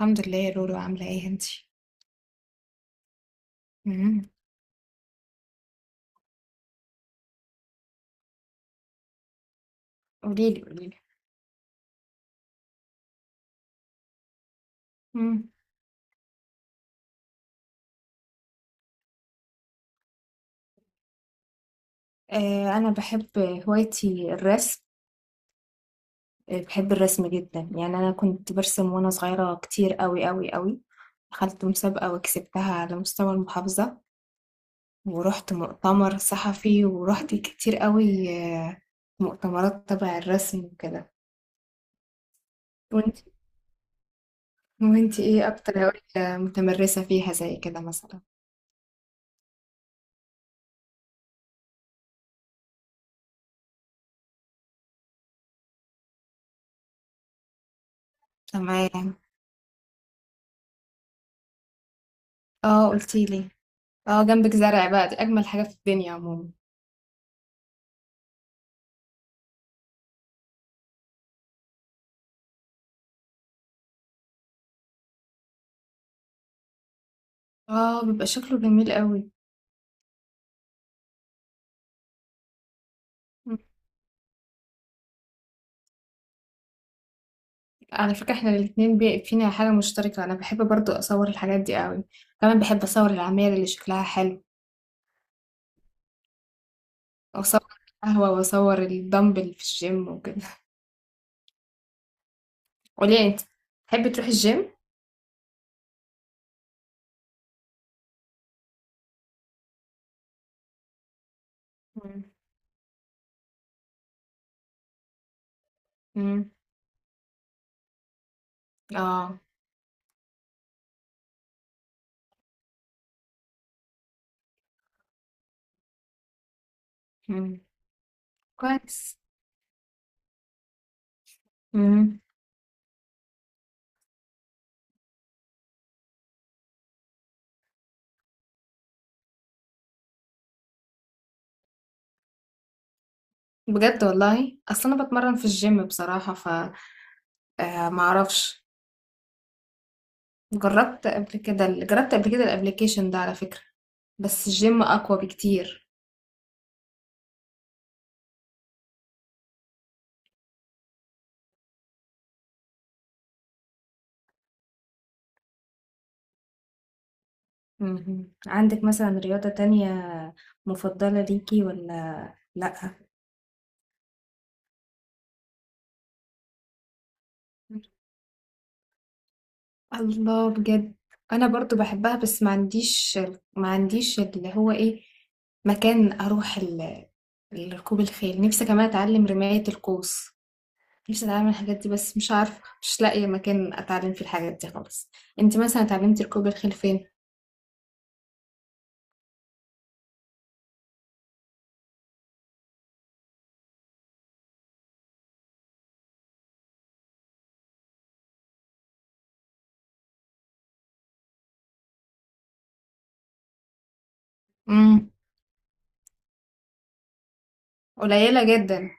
الحمد لله يا لولو عاملة ايه انتي؟ مم. قوليلي قوليلي. مم. أنا بحب هوايتي الرسم. بحب الرسم جدا يعني أنا كنت برسم وأنا صغيرة كتير قوي قوي قوي. دخلت مسابقة وكسبتها على مستوى المحافظة. ورحت مؤتمر صحفي ورحت كتير قوي مؤتمرات تبع الرسم وكده. وانتي وانتي ايه أكتر هواية متمرسة فيها زي كده مثلا؟ تمام. اه قلتيلي. اه جنبك زرع بقى دي أجمل حاجة في الدنيا عموما. آه، بيبقى شكله جميل أوي. إمم، على فكرة إحنا الاتنين فينا حاجة مشتركة، أنا باحب برضه أصوّر الحاجات دي أوي، كمان باحب أصوّر العماير اللي شكلها حلو، وأصوّر القهوة وأصوّر الدمبل في الgym وكده. قولي لي أنتِ، تحبي تروحي الgym؟ إمم. إمم. آه. إمم. كويس. إمم. بجد والله! أصل أنا باتمرّن في الgym بصراحة ما أعرفش، جرّبت قبل كده الapplication ده على فكرة، بس الgym أقوى بكتير. اهم. عندِك مثلًا رياضة تانية مفضلة ليكِ والّا لأ؟ الله بجد! أنا برضه باحبها بس ما عنديش اللي هو إيه، مكان أروح لركوب الخيل، نفسي كمان أتعلم رماية القوس، نفسي أتعلم الحاجات دي بس مش عارفة، مش لاقية مكان أتعلم فيه الحاجات دي خالص. أنتِ مثلًا اتعلمتِ ركوب الخيل فين؟ إمم. قليلة جدًا.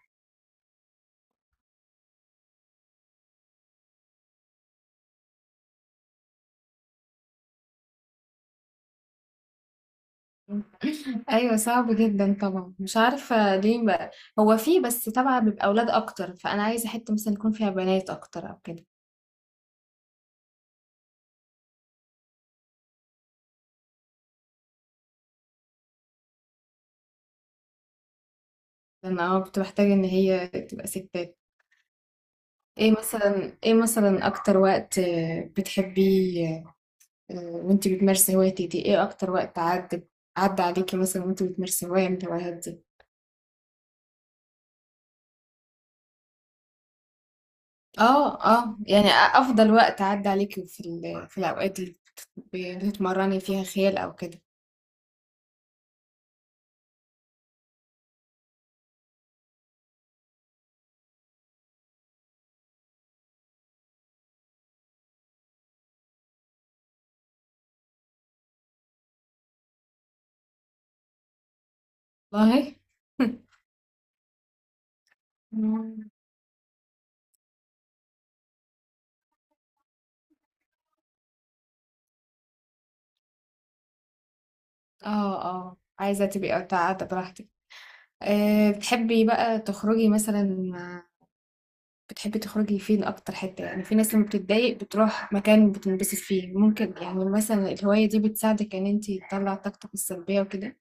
ايوه صعب جدا طبعا مش عارفه ليه بقى. هو فيه بس طبعا بيبقى اولاد اكتر فانا عايزه حته مثلا يكون فيها بنات اكتر او كده. لان انا كنت محتاجه ان هي تبقى ستات. ايه مثلا اكتر وقت بتحبيه. وانتي بتمارسي هوايتك دي ايه اكتر وقت عدى عليكي مثلا وانتي بتمارسي هوايه من الهوايات دي. اه اه يعني افضل وقت عدى عليكي في الاوقات اللي بتتمرني فيها خيال او كده. والله. اه اه عايزة تبقي قاعدة براحتك. أه بتحبي بقى تخرجي مثلا مع- بتحبي تخرجي فين أكتر حتة يعني في ناس لما بتتضايق بتروح مكان بتنبسط فيه ممكن يعني مثلا الهواية دي بتساعدك إن انتي تطلع طاقتك السلبية وكده.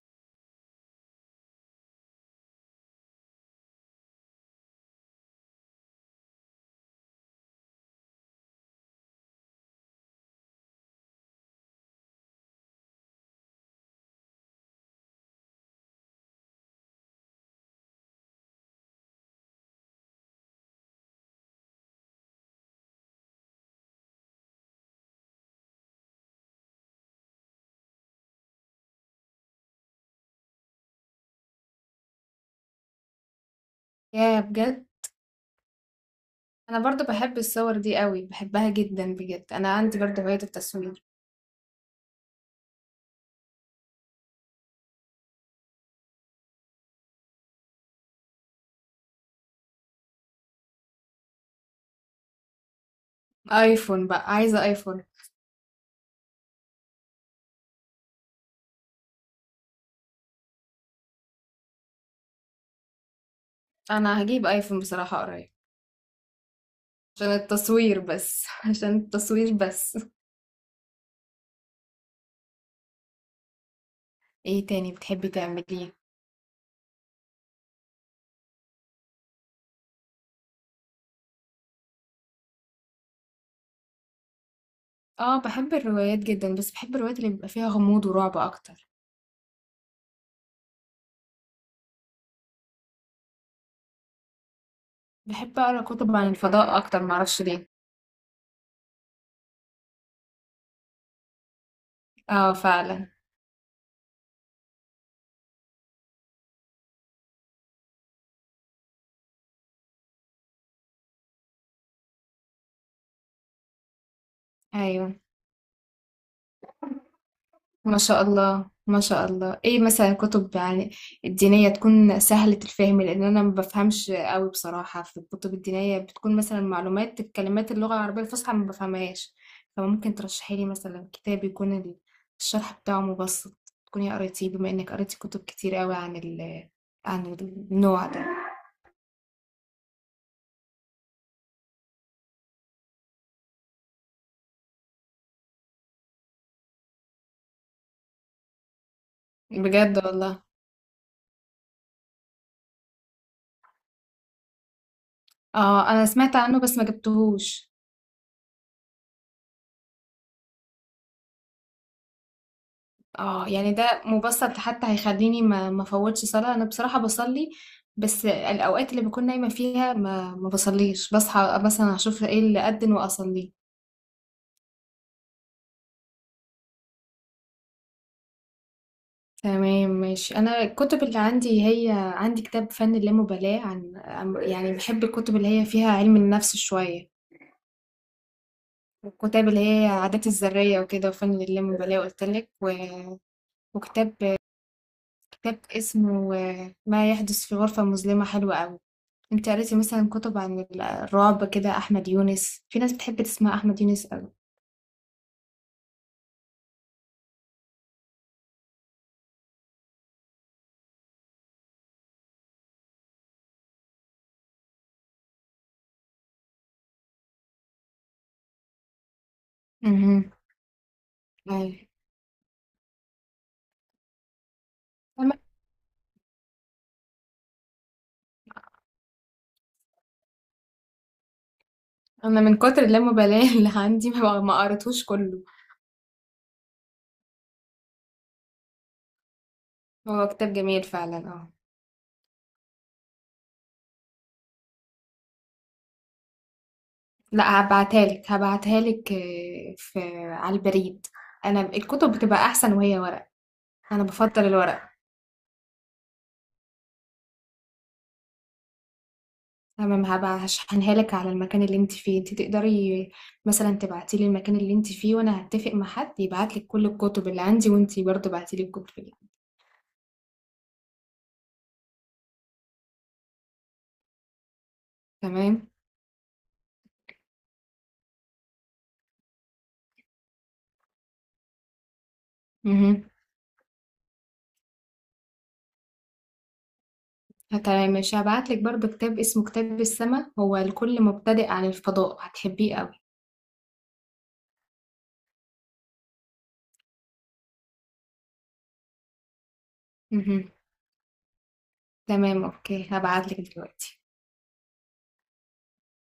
يا بجد. أنا برضو بحب الصور دي قوي بحبها جدا بجد أنا عندي برضو هواية التصوير. آيفون بقى عايزة آيفون. أنا هجيب آيفون بصراحة قريب عشان التصوير بس. عشان التصوير بس. ايه تاني بتحبي تعمليه؟ اه بحب الروايات جدا بس بحب الروايات اللي بيبقى فيها غموض ورعب اكتر. بحب اقرا كتب عن الفضاء اكتر معرفش ليه. اه فعلا. ايوه ما شاء الله ما شاء الله ايه مثلا كتب يعني الدينية تكون سهلة الفهم لان انا ما بفهمش قوي بصراحة في الكتب الدينية بتكون مثلا معلومات الكلمات اللغة العربية الفصحى ما بفهمهاش. فممكن ترشحي لي مثلا كتاب يكون الشرح بتاعه مبسط. تكوني قريتيه بما انك قريتي كتب كتير قوي عن النوع ده. بجد والله. اه انا سمعت عنه بس ما جبتهوش. اه يعني ده مبسط حتى هيخليني ما فوتش صلاة انا بصراحة بصلي بس الاوقات اللي بكون نايمة فيها ما بصليش بصحى مثلا اشوف ايه اللي اذن واصلي. تمام ماشي. انا الكتب اللي عندي هي عندي كتاب فن اللامبالاة يعني بحب الكتب اللي هي فيها علم النفس شوية. والكتاب اللي هي عادات الذرية وكده وفن اللامبالاة قلت لك وكتاب كتاب اسمه ما يحدث في غرفة مظلمة حلو قوي. انت قريتي مثلا كتب عن الرعب كده احمد يونس في ناس بتحب تسمع احمد يونس قوي. امم. ايوه. انا أنا من كتر اللامبالاة اللي عندي ما قريتهوش كله. هو كتاب جميل فعلا اه. لا هبعتها لك هبعتها لك في على البريد. انا الكتب بتبقى احسن وهي ورق. انا بفضل الورق. تمام هبقى هشحنها لك على المكان اللي انت فيه انت تقدري مثلا تبعتي لي المكان اللي انت فيه وانا هتفق مع حد يبعت لك كل الكتب اللي عندي وانت برضه بعتي لي الكتب اللي تمام. مهم. تمام مش هبعت لك برضو كتاب اسمه كتاب السماء هو لكل مبتدئ عن الفضاء هتحبيه قوي. مهم. تمام اوكي هبعت لك دلوقتي.